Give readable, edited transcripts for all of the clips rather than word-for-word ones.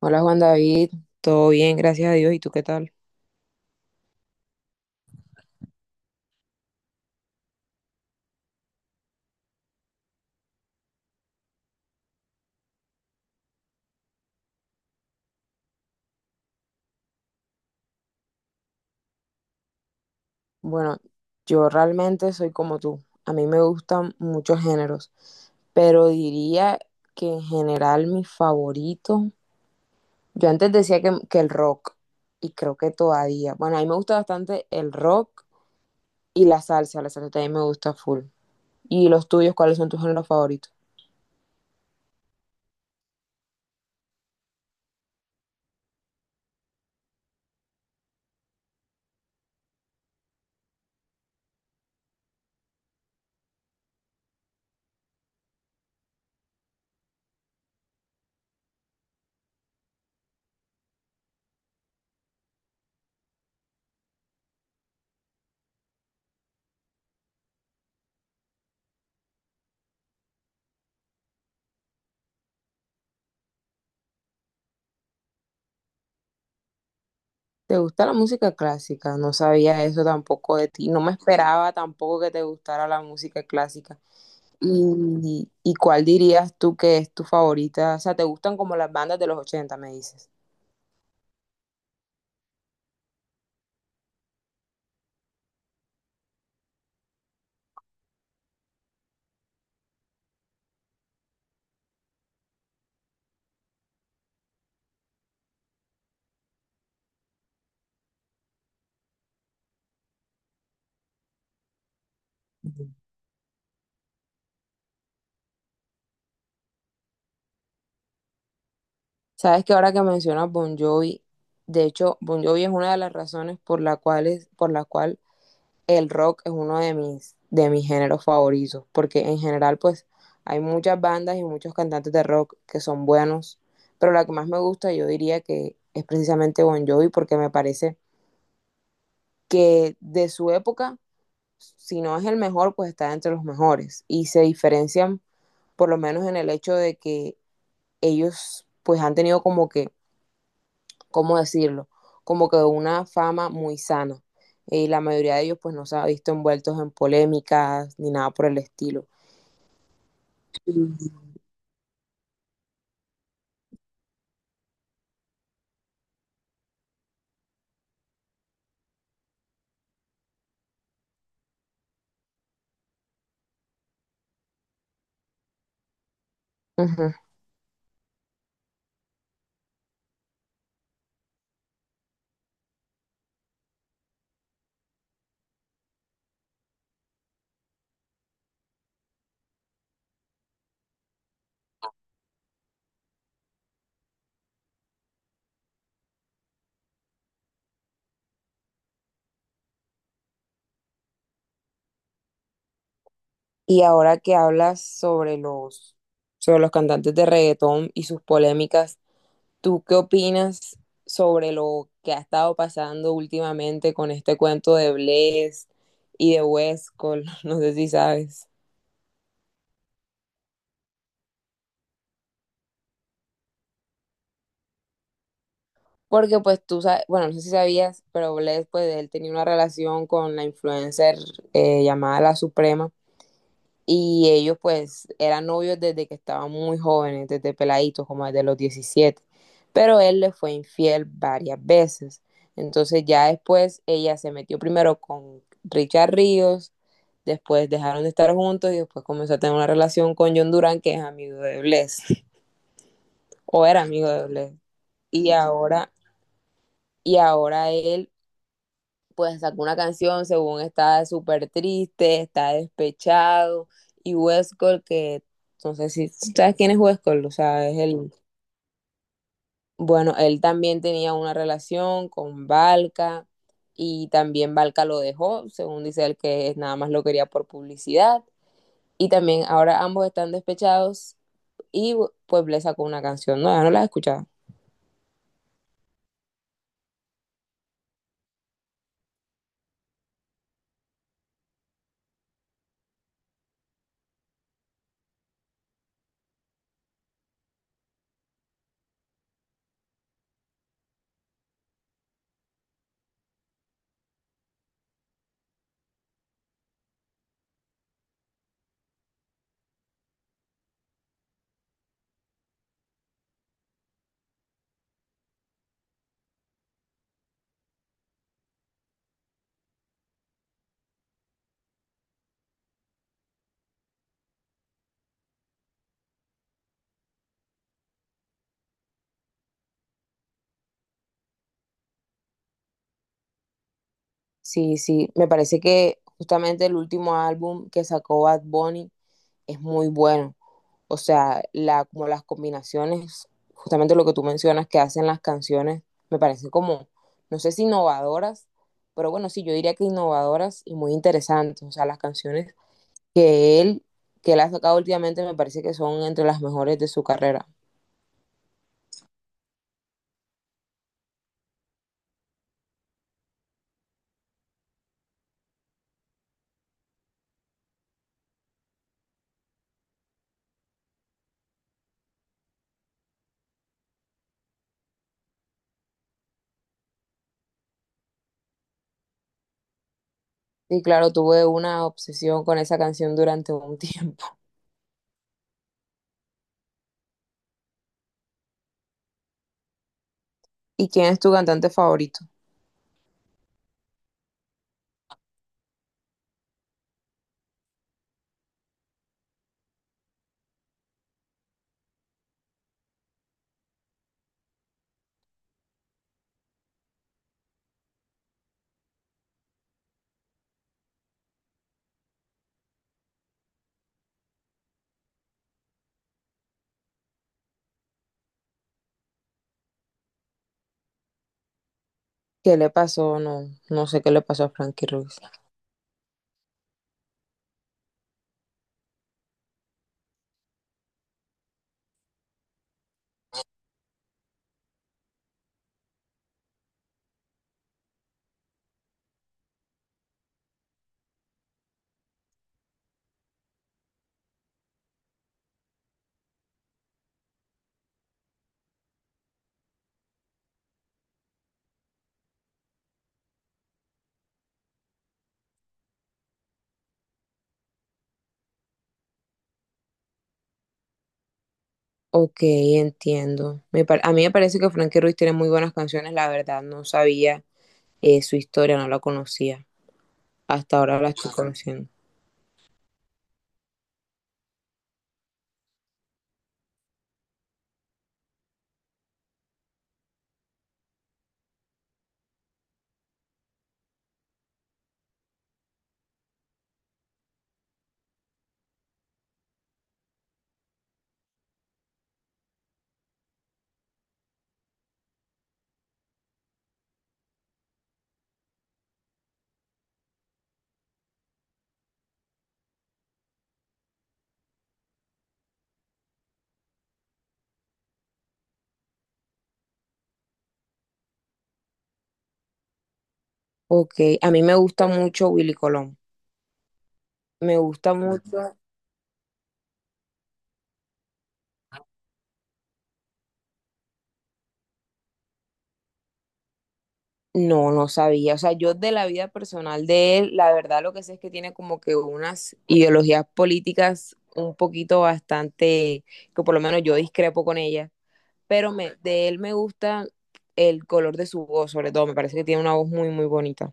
Hola Juan David, todo bien, gracias a Dios. ¿Y tú qué tal? Bueno, yo realmente soy como tú. A mí me gustan muchos géneros, pero diría que en general mi favorito, yo antes decía que el rock y creo que todavía. Bueno, a mí me gusta bastante el rock y la salsa también me gusta full. ¿Y los tuyos, cuáles son tus géneros favoritos? ¿Te gusta la música clásica? No sabía eso tampoco de ti, no me esperaba tampoco que te gustara la música clásica. ¿Y cuál dirías tú que es tu favorita? O sea, ¿te gustan como las bandas de los 80, me dices? Ujú. Sabes que ahora que mencionas Bon Jovi, de hecho, Bon Jovi es una de las razones por la cual por la cual el rock es uno de mis géneros favoritos, porque en general, pues, hay muchas bandas y muchos cantantes de rock que son buenos, pero la que más me gusta, yo diría que es precisamente Bon Jovi, porque me parece que de su época, si no es el mejor, pues está entre los mejores. Y se diferencian por lo menos en el hecho de que ellos pues han tenido como que, ¿cómo decirlo? Como que una fama muy sana. La mayoría de ellos pues no se ha visto envueltos en polémicas ni nada por el estilo. Uh -huh. Y ahora que hablas sobre sobre los cantantes de reggaetón y sus polémicas, ¿tú qué opinas sobre lo que ha estado pasando últimamente con este cuento de Blaze y de Westcol? No sé si sabes. Porque pues tú sabes, bueno, no sé si sabías, pero Blaze pues él tenía una relación con la influencer llamada La Suprema. Y ellos pues eran novios desde que estaban muy jóvenes, desde peladitos, como desde los 17. Pero él le fue infiel varias veces. Entonces ya después ella se metió primero con Richard Ríos, después dejaron de estar juntos y después comenzó a tener una relación con John Durán, que es amigo de Bless, o era amigo de Bless. Y ahora, y ahora él pues sacó una canción, según está súper triste, está despechado, y Westcott, que no sé si sabes quién es Westcott, o sea, es el, bueno, él también tenía una relación con Valka, y también Valka lo dejó, según dice él que nada más lo quería por publicidad, y también ahora ambos están despechados, y pues le sacó una canción, no, ya no la he escuchado. Sí, sí, me parece que justamente el último álbum que sacó Bad Bunny es muy bueno. O sea, la, como las combinaciones, justamente lo que tú mencionas que hacen las canciones, me parece como, no sé si innovadoras, pero bueno, sí, yo diría que innovadoras y muy interesantes. O sea, las canciones que él ha sacado últimamente me parece que son entre las mejores de su carrera. Y claro, tuve una obsesión con esa canción durante un tiempo. ¿Y quién es tu cantante favorito? ¿Qué le pasó? No, no sé qué le pasó a Frankie Ruiz. Ok, entiendo. A mí me parece que Frankie Ruiz tiene muy buenas canciones, la verdad. No sabía su historia, no la conocía. Hasta ahora la estoy conociendo. Ok, a mí me gusta mucho Willy Colón. Me gusta mucho. No, no sabía. O sea, yo de la vida personal de él, la verdad lo que sé es que tiene como que unas ideologías políticas un poquito bastante, que por lo menos yo discrepo con ellas. De él me gusta el color de su voz, sobre todo. Me parece que tiene una voz muy, muy bonita.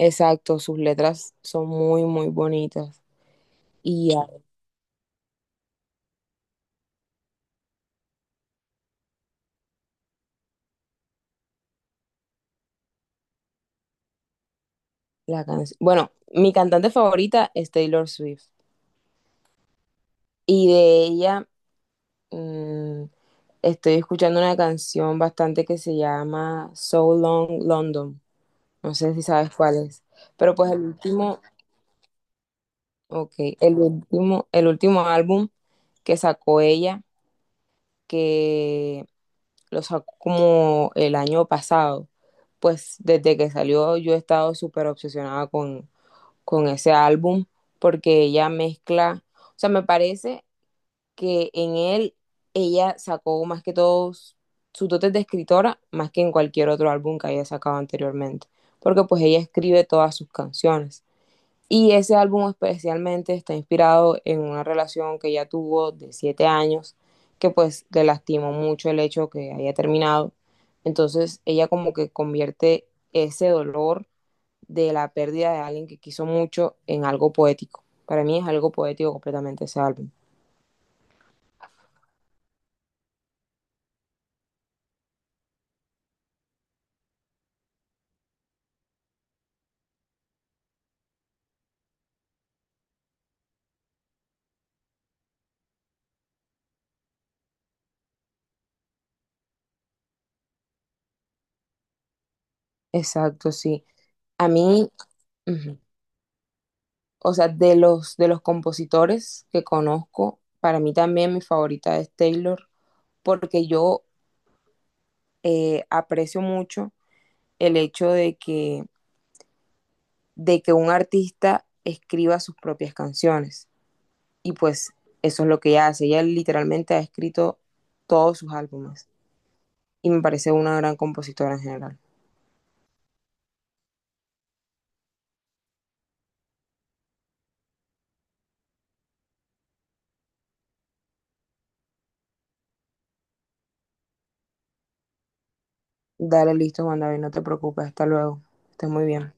Exacto, sus letras son muy, muy bonitas. Y a- la canción. Bueno, mi cantante favorita es Taylor Swift. Y de ella mm, estoy escuchando una canción bastante que se llama So Long London. No sé si sabes cuál es. Pero pues ok, el último álbum que sacó ella, que lo sacó como el año pasado. Pues desde que salió yo he estado súper obsesionada con ese álbum porque ella mezcla, o sea, me parece que en él ella sacó más que todo su dotes de escritora más que en cualquier otro álbum que haya sacado anteriormente, porque pues ella escribe todas sus canciones. Y ese álbum especialmente está inspirado en una relación que ella tuvo de 7 años, que pues le lastimó mucho el hecho que haya terminado. Entonces ella como que convierte ese dolor de la pérdida de alguien que quiso mucho en algo poético. Para mí es algo poético completamente ese álbum. Exacto, sí. A mí, uh -huh, o sea, de los compositores que conozco, para mí también mi favorita es Taylor, porque yo aprecio mucho el hecho de que un artista escriba sus propias canciones. Y pues eso es lo que ella hace. Ella literalmente ha escrito todos sus álbumes y me parece una gran compositora en general. Dale, listo, Juan David, no te preocupes, hasta luego. Estés muy bien.